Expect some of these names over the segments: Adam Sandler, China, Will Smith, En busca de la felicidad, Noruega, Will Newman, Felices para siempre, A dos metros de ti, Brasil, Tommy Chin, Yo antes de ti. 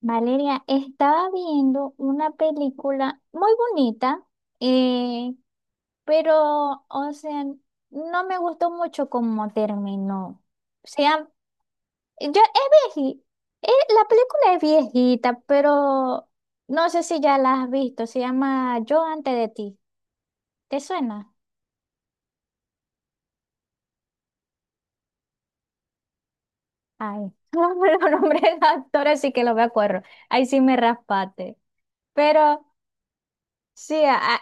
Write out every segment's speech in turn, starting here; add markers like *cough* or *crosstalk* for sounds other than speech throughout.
Valeria, estaba viendo una película muy bonita, eh, pero, o sea, no me gustó mucho cómo terminó. O sea, yo es viejita, la película es viejita, pero no sé si ya la has visto. Se llama Yo antes de ti. ¿Te suena? Ay, *laughs* no me lo nombré el nombre del actor, así que lo me acuerdo. Ahí sí me raspate. Pero sí,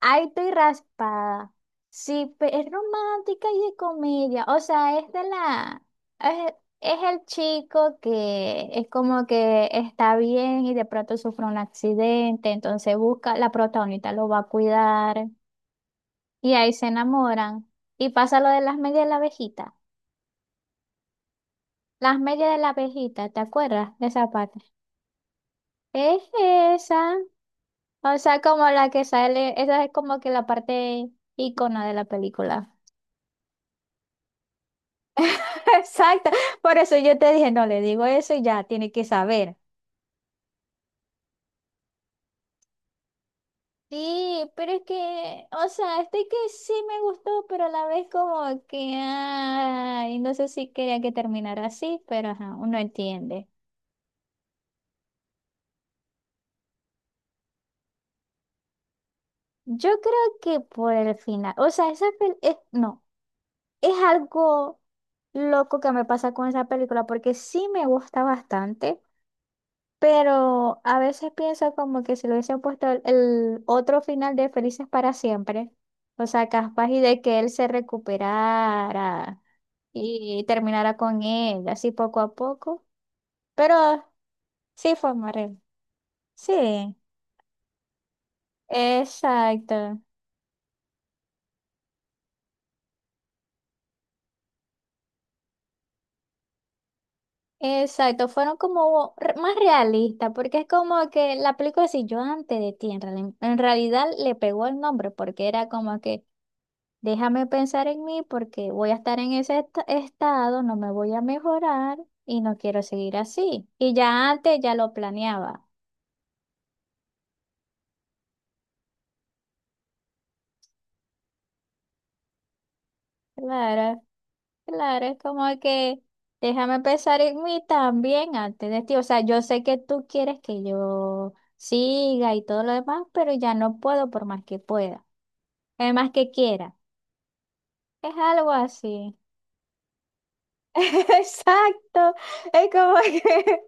ay, estoy raspada. Sí, es romántica y de comedia. O sea, Es, es el chico que es como que está bien y de pronto sufre un accidente, entonces busca, la protagonista lo va a cuidar y ahí se enamoran. Y pasa lo de las medias de la abejita. Las medias de la abejita, ¿te acuerdas de esa parte? Es esa. O sea, como la que sale, esa es como que la parte ícono de la película. *laughs* Exacto. Por eso yo te dije, no le digo eso y ya tiene que saber. Sí, pero es que, o sea, este que sí me gustó, pero a la vez como que, ay, no sé si quería que terminara así, pero ajá, uno entiende. Yo creo que por el final, o sea, esa pel- es, no, es algo loco que me pasa con esa película, porque sí me gusta bastante. Pero a veces pienso como que si le hubiesen puesto el otro final de Felices para siempre, o sea, capaz y de que él se recuperara y terminara con ella, así poco a poco. Pero sí fue Marel. Sí, exacto. Exacto, fueron como más realistas, porque es como que la película si yo antes de ti, en realidad le pegó el nombre, porque era como que déjame pensar en mí porque voy a estar en ese estado, no me voy a mejorar y no quiero seguir así. Y ya antes ya lo planeaba. Claro, claro, es como que déjame pensar en mí también antes de ti. O sea, yo sé que tú quieres que yo siga y todo lo demás, pero ya no puedo por más que pueda, es más que quiera. Es algo así. *laughs* Exacto, es como que,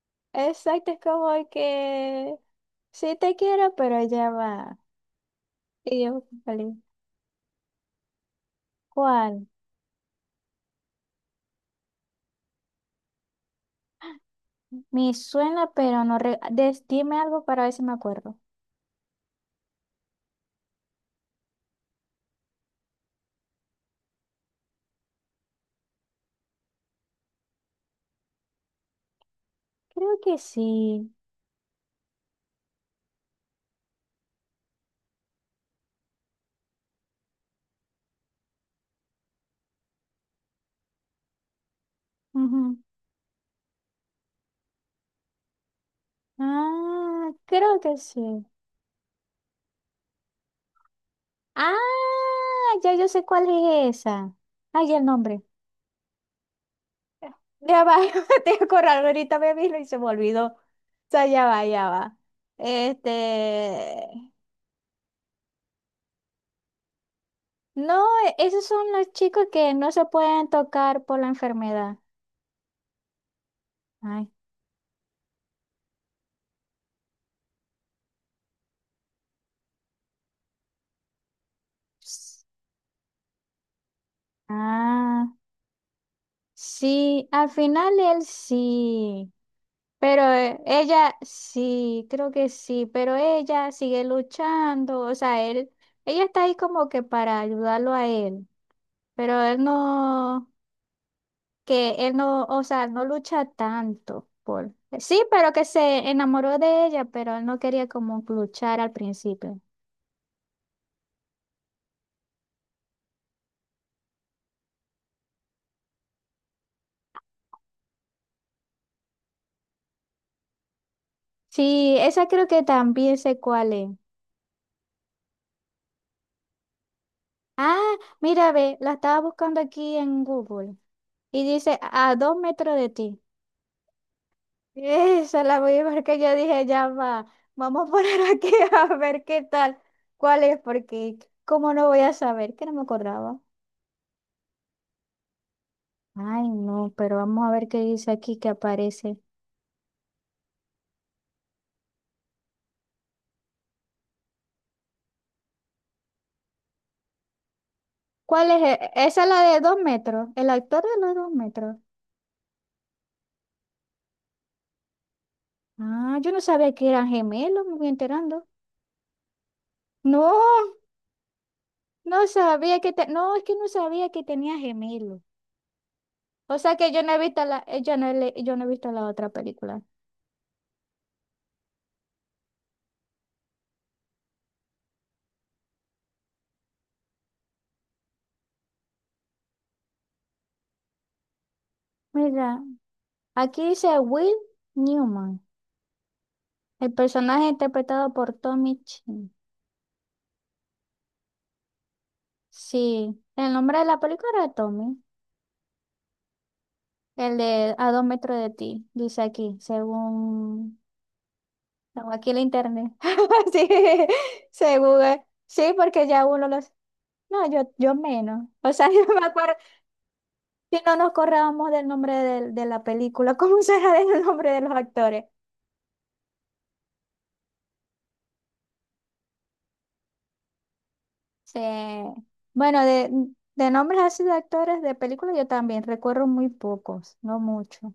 *laughs* exacto, es como que sí te quiero, pero ya va. Y yo, vale, ¿cuál? Me suena, pero no... dime algo para ver si me acuerdo. Creo que sí. Ujú. Ah, creo que sí. Ah, ya yo sé cuál es esa. Ay, el nombre. Ya va, *laughs* te voy a acordar, ahorita me vino y se me olvidó. O sea, ya va, ya va. Este, no, esos son los chicos que no se pueden tocar por la enfermedad. Ay. Ah, sí, al final él sí, pero ella sí, creo que sí, pero ella sigue luchando, o sea, ella está ahí como que para ayudarlo a él, pero él no, que él no, o sea, no lucha tanto por, sí, pero que se enamoró de ella, pero él no quería como luchar al principio. Sí, esa creo que también sé cuál es. Ah, mira, ve, la estaba buscando aquí en Google. Y dice, a dos metros de ti. *laughs* Esa la voy a ver que yo dije, ya va, vamos a poner aquí *laughs* a ver qué tal, cuál es, porque cómo no voy a saber, que no me acordaba. Ay, no, pero vamos a ver qué dice aquí que aparece. ¿Cuál es? Esa es la de dos metros, el actor de los dos metros. Ah, yo no sabía que eran gemelos, me voy enterando. No, no sabía que te... no, es que no sabía que tenía gemelos. O sea que yo no he visto la, yo no, yo no he visto la otra película. Mira. Aquí dice Will Newman, el personaje interpretado por Tommy Chin. Sí, el nombre de la película era Tommy, el de A dos metros de ti, dice aquí, según no, aquí el internet. *laughs* Sí, según, sí, porque ya uno los... No, yo menos. O sea, *laughs* yo me acuerdo, si no nos corrábamos del nombre de, la película, *laughs* ¿cómo será el nombre de los actores? Sí. Bueno, de nombres así de actores de películas yo también recuerdo muy pocos, no mucho.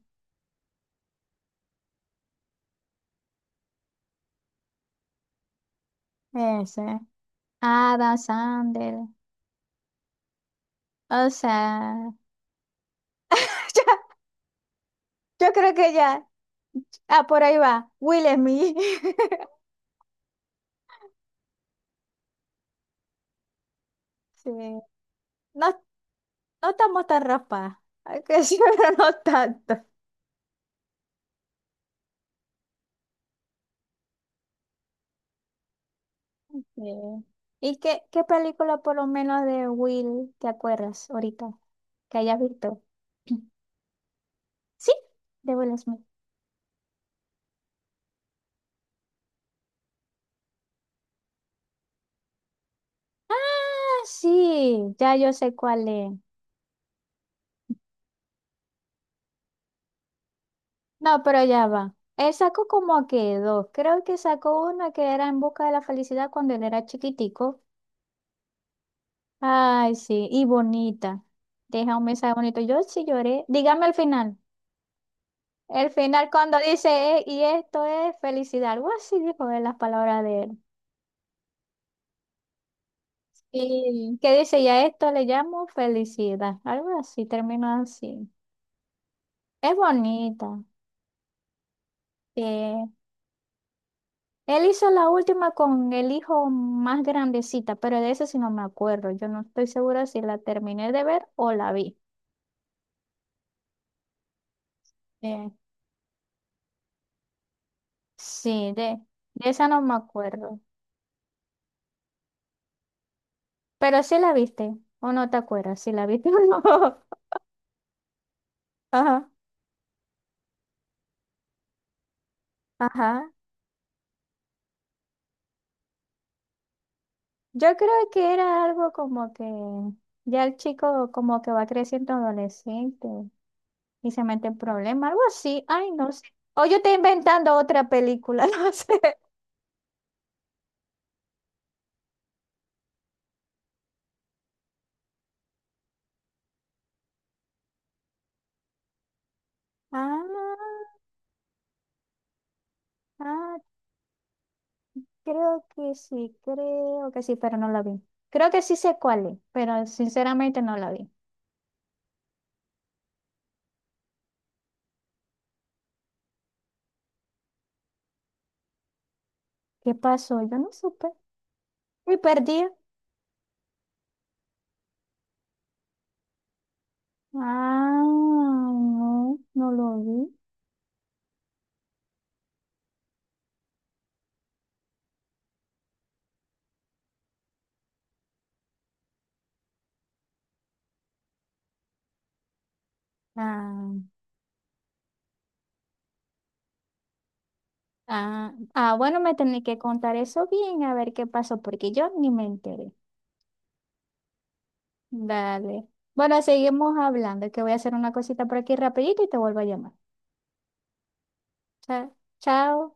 Ese. Adam Sandler. O sea, *laughs* ya, yo creo que ya. Ah, por ahí va. Will Smith. *laughs* Sí. No, no estamos tan raspadas. Hay que decir, *laughs* pero no tanto. Sí. ¿Y qué película por lo menos de Will te acuerdas ahorita que hayas visto? *clears throat* Sí, de Will Smith. Ah, sí, ya yo sé cuál es. No, pero ya va. Él sacó como que dos. Creo que sacó una que era En busca de la felicidad cuando él era chiquitico. Ay, sí, y bonita. Deja un mensaje bonito. Yo sí lloré. Dígame el final. El final cuando dice, y esto es felicidad. Algo así dijo él las palabras de él. Y que dice, ya esto le llamo felicidad. Algo así, terminó así. Es bonita. Sí. Él hizo la última con el hijo más grandecita, pero de ese sí no me acuerdo. Yo no estoy segura si la terminé de ver o la vi. Eh, sí, de esa no me acuerdo. Pero sí la viste, o no te acuerdas si la viste *laughs* o no. Ajá, ajá. Yo creo que era algo como que ya el chico como que va creciendo adolescente y se mete en problemas, algo así. Ay, no sé. O yo estoy inventando otra película, *laughs* no sé. Ah, ah. Creo que sí, pero no la vi. Creo que sí sé cuál es, pero sinceramente no la vi. ¿Qué pasó? Yo no supe. Me perdí. Ah, no, no lo vi. Ah, bueno, me tenés que contar eso bien, a ver qué pasó, porque yo ni me enteré. Dale. Bueno, seguimos hablando, que voy a hacer una cosita por aquí rapidito y te vuelvo a llamar. Cha- Chao.